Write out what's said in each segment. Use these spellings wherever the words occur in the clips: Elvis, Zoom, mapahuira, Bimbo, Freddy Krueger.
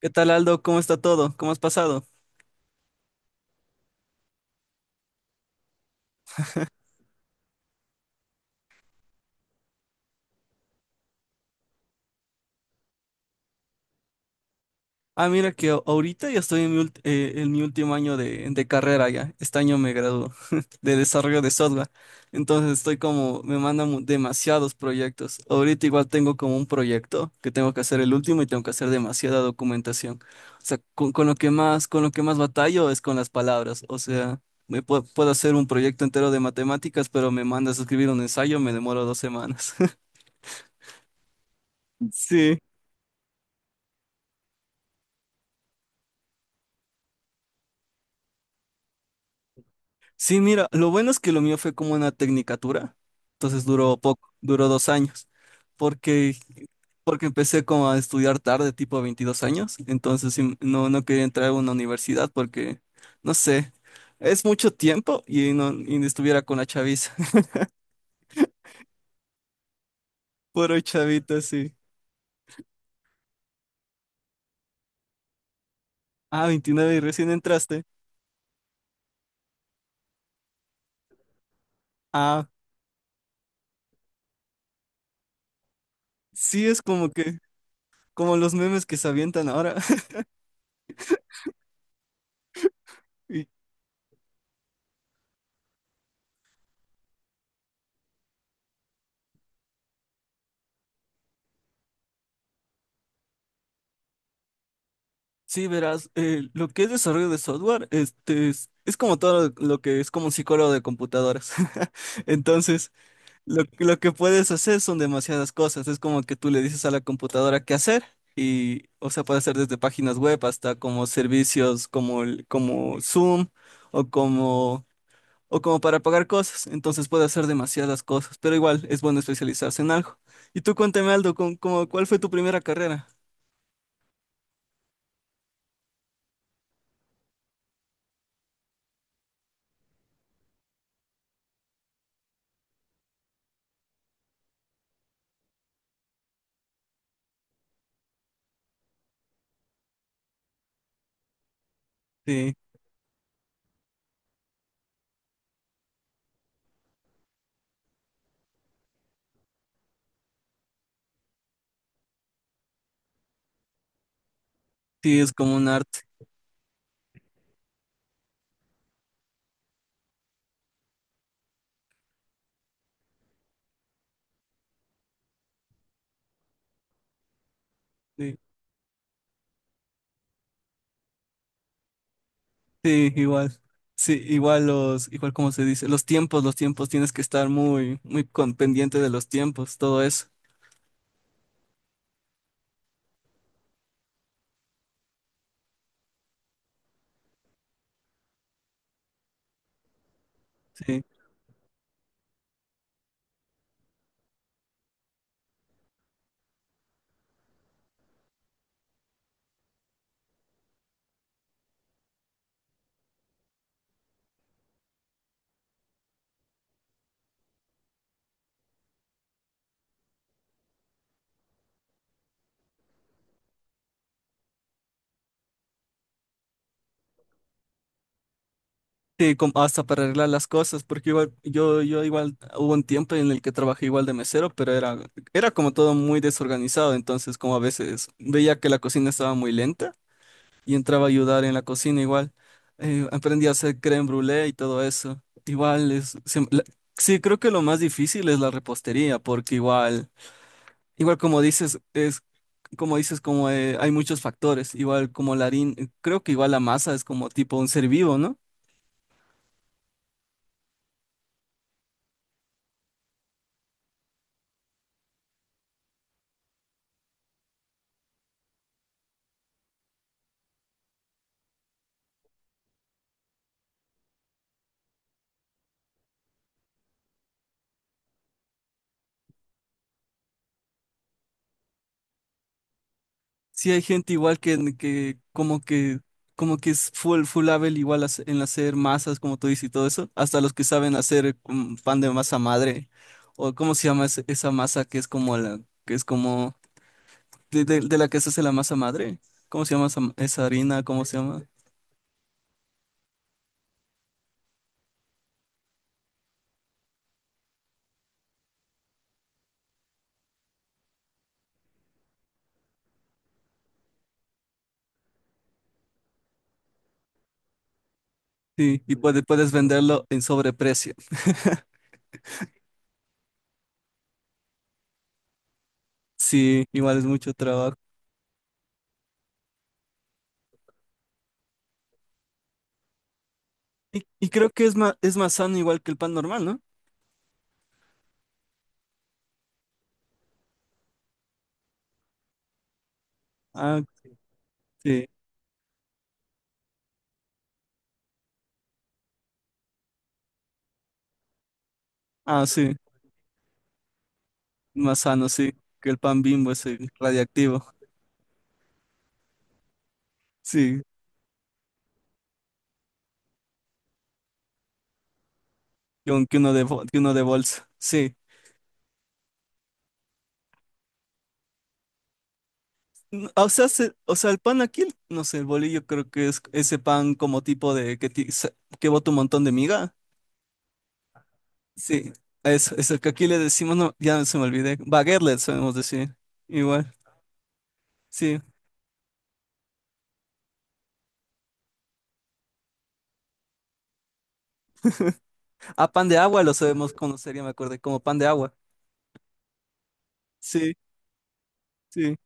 ¿Qué tal, Aldo? ¿Cómo está todo? ¿Cómo has pasado? Ah, mira que ahorita ya estoy en mi último año de carrera ya. Este año me gradúo de desarrollo de software. Entonces estoy como, me mandan demasiados proyectos. Ahorita igual tengo como un proyecto que tengo que hacer el último y tengo que hacer demasiada documentación. O sea, con lo que más batallo es con las palabras. O sea, puedo hacer un proyecto entero de matemáticas, pero me mandas a escribir un ensayo, me demoro 2 semanas. Sí. Sí, mira, lo bueno es que lo mío fue como una tecnicatura, entonces duró poco, duró 2 años, porque, porque empecé como a estudiar tarde, tipo 22 años, entonces sí, no, no quería entrar a una universidad porque, no sé, es mucho tiempo y no estuviera con la chaviza. Puro chavita, sí. Ah, 29 y recién entraste. Ah, sí, es como que, como los memes que se avientan ahora. Y sí, verás, lo que es desarrollo de software, este es como todo lo que es como un psicólogo de computadoras. Entonces, lo que puedes hacer son demasiadas cosas. Es como que tú le dices a la computadora qué hacer y, o sea, puede hacer desde páginas web hasta como servicios como, como Zoom o como, o como para pagar cosas. Entonces puede hacer demasiadas cosas, pero igual es bueno especializarse en algo. Y tú cuéntame, Aldo, ¿con, como, cuál fue tu primera carrera? Sí, sí, es como un arte. Sí. Sí, igual. Sí, igual los, igual como se dice, los tiempos, tienes que estar muy, muy pendiente de los tiempos, todo eso. Sí. Sí, com- hasta para arreglar las cosas, porque igual, yo igual hubo un tiempo en el que trabajé igual de mesero, pero era como todo muy desorganizado, entonces como a veces veía que la cocina estaba muy lenta y entraba a ayudar en la cocina igual. Aprendí a hacer crème brûlée y todo eso. Igual es, sí, creo que lo más difícil es la repostería, porque es como dices, como hay muchos factores, igual como la harina, creo que igual la masa es como tipo un ser vivo, ¿no? Sí hay gente igual que como que es full full level igual en hacer masas, como tú dices y todo eso, hasta los que saben hacer pan de masa madre o cómo se llama esa masa que es como la que es como de la que se hace la masa madre. ¿Cómo se llama esa harina? ¿Cómo se llama? Sí, y puedes venderlo en sobreprecio. Sí, igual es mucho trabajo. Y creo que es más sano igual que el pan normal, ¿no? Ah, sí. Ah, sí. Más sano, sí. Que el pan Bimbo es radiactivo. Sí. Que que uno de bolsa. Sí. N- O sea, o sea, el pan aquí, no sé, el bolillo creo que es ese pan como tipo de que, que bota un montón de miga. Sí. Eso que aquí le decimos, no, ya se me olvidé. Baguette le sabemos decir. Igual. Sí. A pan de agua lo sabemos conocer, ya me acordé, como pan de agua. Sí, sí.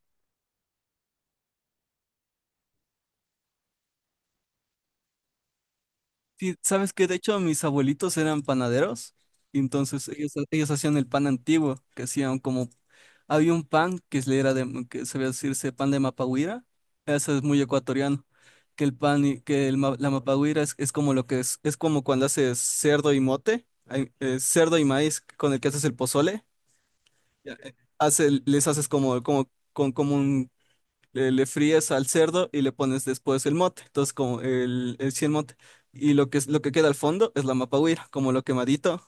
Sí, sabes que de hecho mis abuelitos eran panaderos, y entonces ellos hacían el pan antiguo, que hacían como, había un pan que se le era que sabía decirse pan de mapahuira, eso es muy ecuatoriano, que el pan, la mapahuira es como lo que es como cuando haces cerdo y mote, ay, cerdo y maíz con el que haces el pozole. Ya, hace, les haces como, como, con, como le fríes al cerdo y le pones después el mote. Entonces, como sí, el mote. Y lo que, lo que queda al fondo es la mapahuira, como lo quemadito.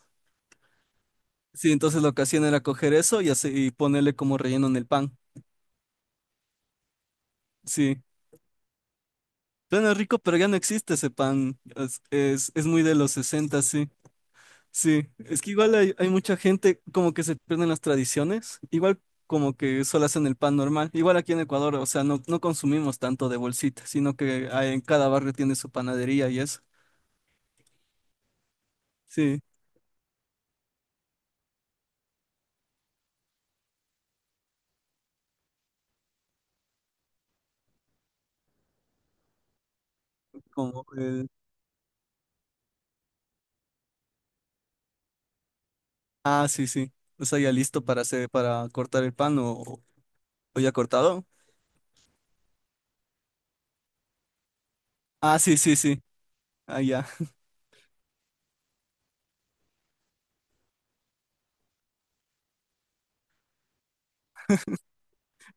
Sí, entonces lo que hacían era coger eso y, así, y ponerle como relleno en el pan. Sí. Suena rico, pero ya no existe ese pan. Es muy de los 60, sí. Sí. Es que igual hay mucha gente como que se pierden las tradiciones. Igual como que solo hacen el pan normal. Igual aquí en Ecuador, o sea, no, no consumimos tanto de bolsita, sino que en cada barrio tiene su panadería y eso. Sí. Como el... Ah, sí, sí. O sea, ya listo para hacer, para cortar el pan o ya cortado. Ah, sí, sí, sí. Ah, ya.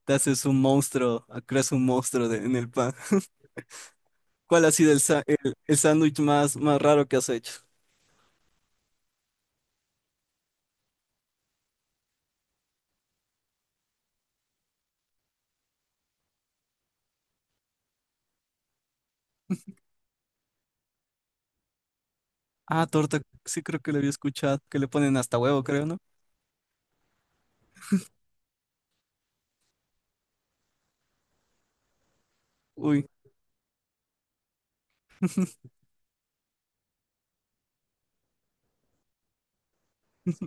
Te haces un monstruo, ah, creas un monstruo en el pan. ¿Cuál ha sido el sándwich más, más raro que has hecho? Ah, torta. Sí, creo que lo había escuchado, que le ponen hasta huevo, creo, ¿no? Uy,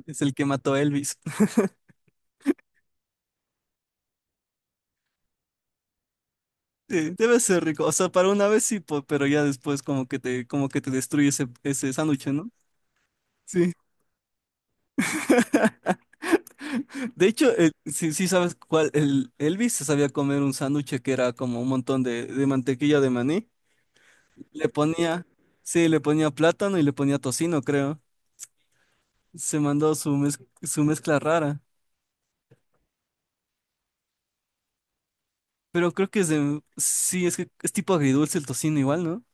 es el que mató a Elvis. Sí, debe ser rico. O sea, para una vez sí, pero ya después como que te destruye ese sándwich, ¿no? Sí. De hecho, sí, sí sabes cuál, el Elvis se sabía comer un sándwich que era como un montón de mantequilla de maní. Le ponía, sí, le ponía plátano y le ponía tocino, creo. Se mandó su su mezcla rara. Pero creo que es sí, es que es tipo agridulce el tocino igual, ¿no?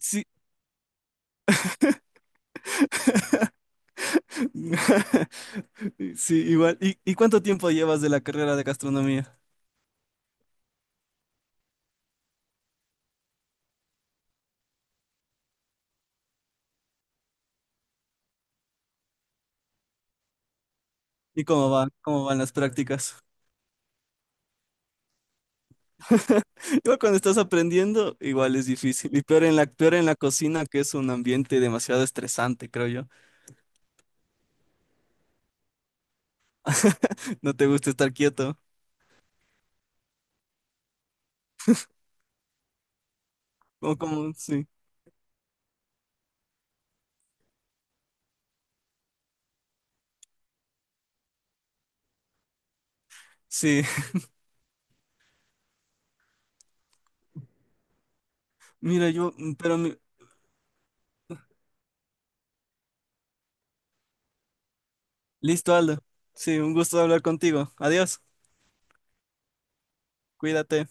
Sí, sí, igual. ¿Y cuánto tiempo llevas de la carrera de gastronomía? ¿Y cómo va? ¿Cómo van las prácticas? Igual cuando estás aprendiendo, igual es difícil. Y peor peor en la cocina, que es un ambiente demasiado estresante, creo yo. No te gusta estar quieto. Como, como, sí. Sí. Mira, yo, listo, Aldo. Sí, un gusto hablar contigo. Adiós. Cuídate.